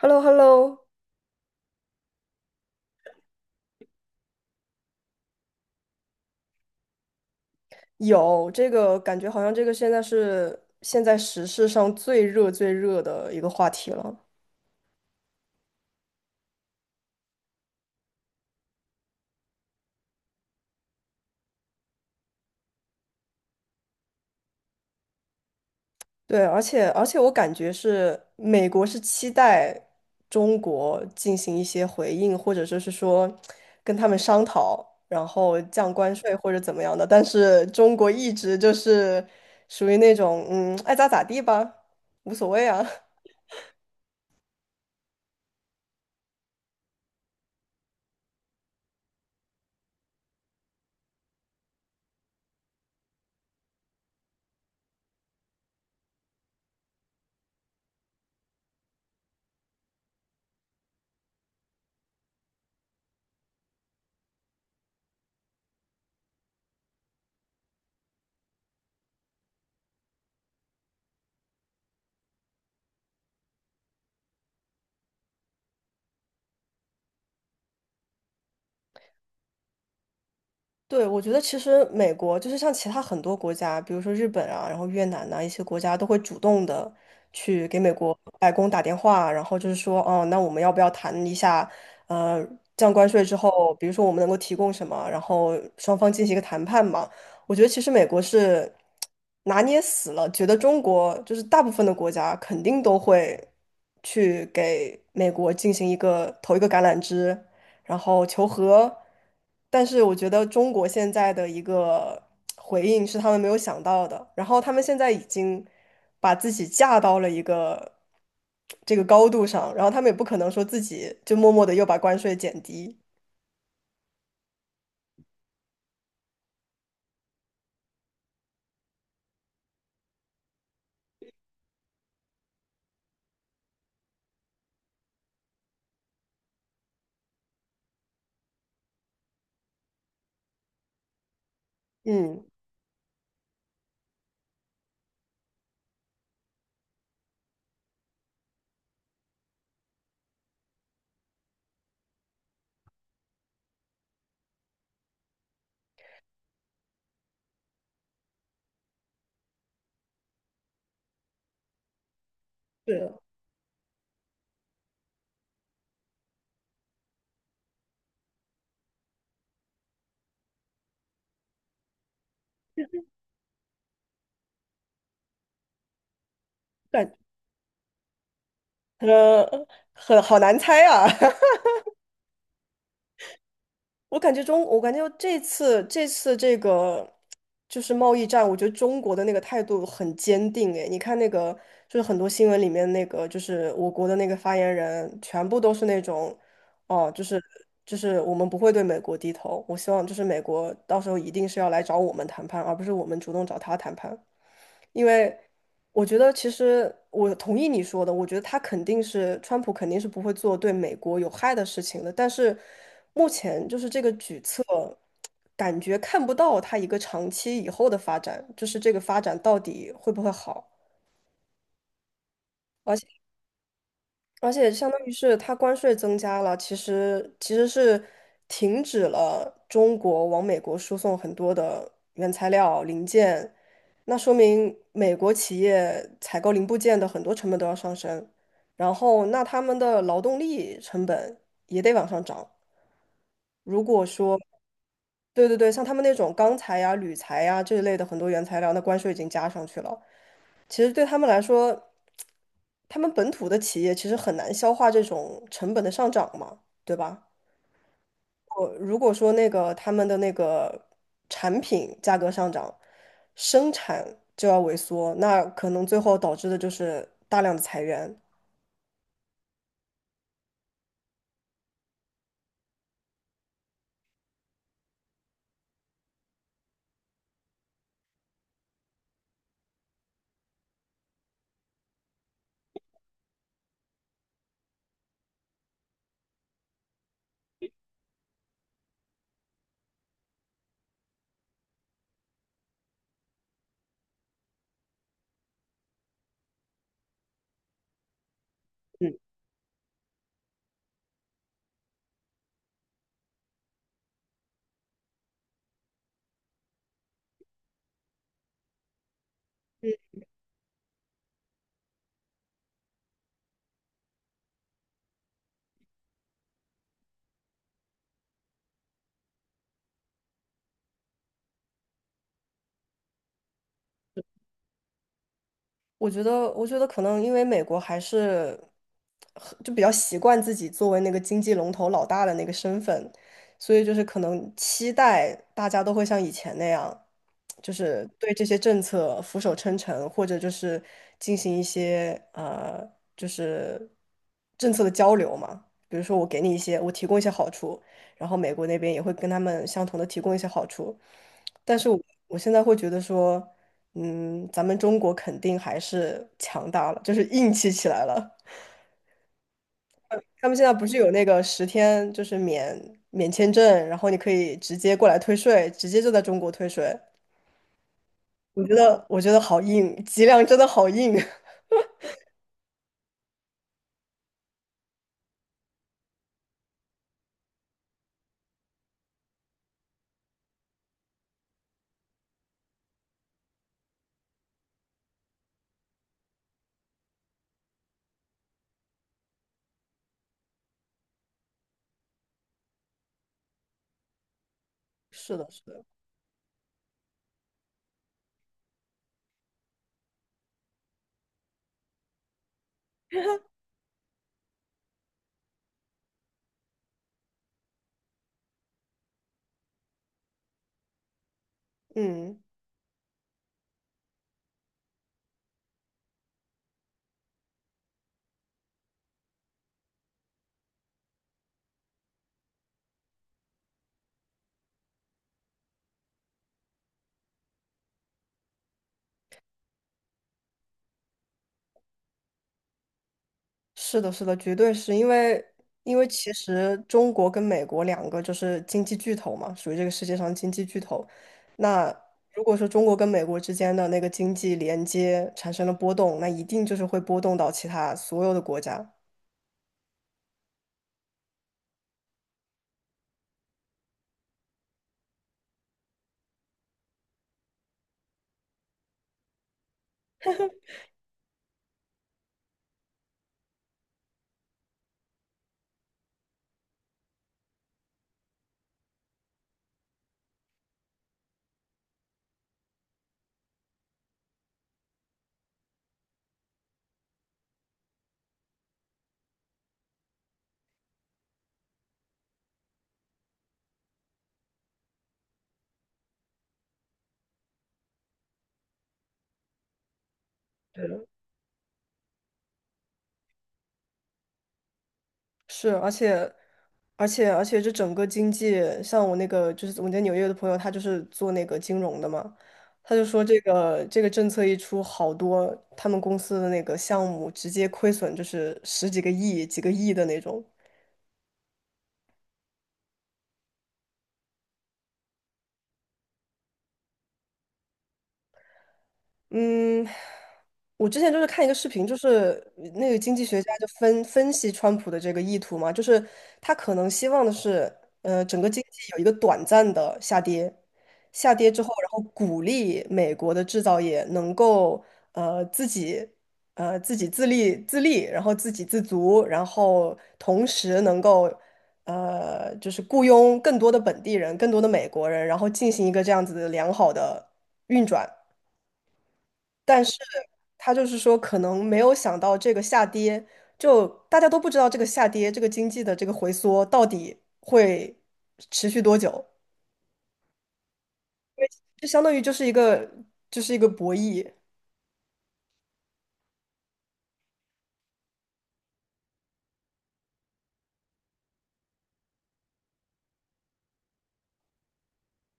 h e l l o h e l l o 有这个感觉，好像这个现在是现在时事上最热最热的一个话题了。对，而且我感觉是美国是期待中国进行一些回应，或者就是说跟他们商讨，然后降关税或者怎么样的，但是中国一直就是属于那种爱咋咋地吧，无所谓啊。对，我觉得其实美国就是像其他很多国家，比如说日本啊，然后越南呐、一些国家都会主动的去给美国白宫打电话，然后就是说，哦，那我们要不要谈一下，呃，降关税之后，比如说我们能够提供什么，然后双方进行一个谈判嘛。我觉得其实美国是拿捏死了，觉得中国就是大部分的国家肯定都会去给美国进行一个投一个橄榄枝，然后求和，但是我觉得中国现在的一个回应是他们没有想到的，然后他们现在已经把自己架到了一个这个高度上，然后他们也不可能说自己就默默的又把关税减低，嗯，是，感呃，很好难猜啊。我感觉这次这个就是贸易战，我觉得中国的那个态度很坚定。诶，你看那个就是很多新闻里面那个，就是我国的那个发言人，全部都是那种，哦，就是我们不会对美国低头。我希望就是美国到时候一定是要来找我们谈判，而不是我们主动找他谈判。因为我觉得其实我同意你说的，我觉得他肯定是川普肯定是不会做对美国有害的事情的，但是目前就是这个举措，感觉看不到他一个长期以后的发展，就是这个发展到底会不会好。而且。而且相当于是它关税增加了，其实是停止了中国往美国输送很多的原材料零件，那说明美国企业采购零部件的很多成本都要上升，然后那他们的劳动力成本也得往上涨。如果说，对对对，像他们那种钢材呀、铝材呀这一类的很多原材料，那关税已经加上去了，其实对他们来说，他们本土的企业其实很难消化这种成本的上涨嘛，对吧？我如果说那个他们的那个产品价格上涨，生产就要萎缩，那可能最后导致的就是大量的裁员。嗯。我觉得可能因为美国还是很就比较习惯自己作为那个经济龙头老大的那个身份，所以就是可能期待大家都会像以前那样，就是对这些政策俯首称臣，或者就是进行一些就是政策的交流嘛。比如说，我给你一些，我提供一些好处，然后美国那边也会跟他们相同的提供一些好处，但是我现在会觉得说。嗯，咱们中国肯定还是强大了，就是硬气起来了。他们现在不是有那个10天就是免签证，然后你可以直接过来退税，直接就在中国退税。我觉得好硬，脊梁真的好硬。是的，是的，嗯。是的，是的，绝对是因为，因为其实中国跟美国两个就是经济巨头嘛，属于这个世界上经济巨头。那如果说中国跟美国之间的那个经济连接产生了波动，那一定就是会波动到其他所有的国家。是，而且，这整个经济，像我那个就是我在纽约的朋友，他就是做那个金融的嘛，他就说这个政策一出，好多他们公司的那个项目直接亏损，就是十几个亿、几个亿的那种。嗯，我之前就是看一个视频，就是那个经济学家就分析川普的这个意图嘛，就是他可能希望的是，整个经济有一个短暂的下跌，下跌之后，然后鼓励美国的制造业能够呃自己自己自立，然后自给自足，然后同时能够就是雇佣更多的本地人，更多的美国人，然后进行一个这样子的良好的运转。但是他就是说，可能没有想到这个下跌，就大家都不知道这个下跌，这个经济的这个回缩到底会持续多久，就相当于就是一个博弈。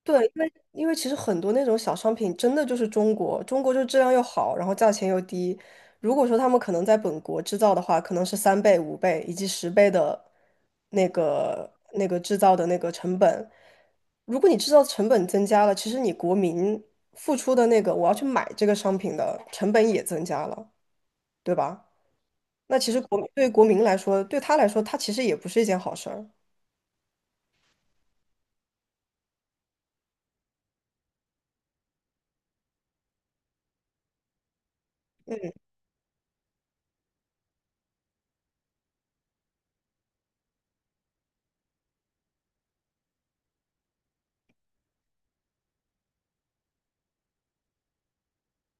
对，因为其实很多那种小商品真的就是中国，中国就质量又好，然后价钱又低。如果说他们可能在本国制造的话，可能是3倍、5倍以及10倍的那个制造的那个成本。如果你制造成本增加了，其实你国民付出的那个我要去买这个商品的成本也增加了，对吧？那其实国民对于国民来说，对他来说，他其实也不是一件好事儿。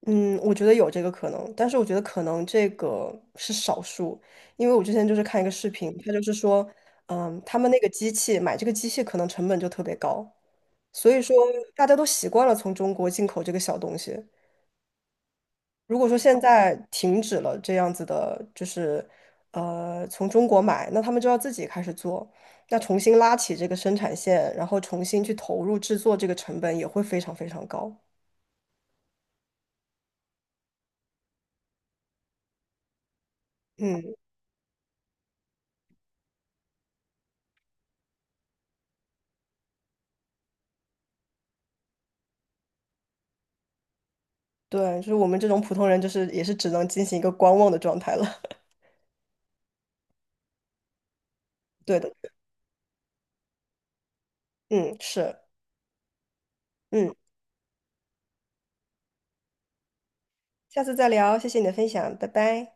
嗯，我觉得有这个可能，但是我觉得可能这个是少数，因为我之前就是看一个视频，他就是说，嗯，他们那个机器买这个机器可能成本就特别高，所以说大家都习惯了从中国进口这个小东西。如果说现在停止了这样子的，就是从中国买，那他们就要自己开始做，那重新拉起这个生产线，然后重新去投入制作，这个成本也会非常非常高。嗯。对，就是我们这种普通人，就是也是只能进行一个观望的状态了。对的，嗯，是，嗯，下次再聊，谢谢你的分享，拜拜。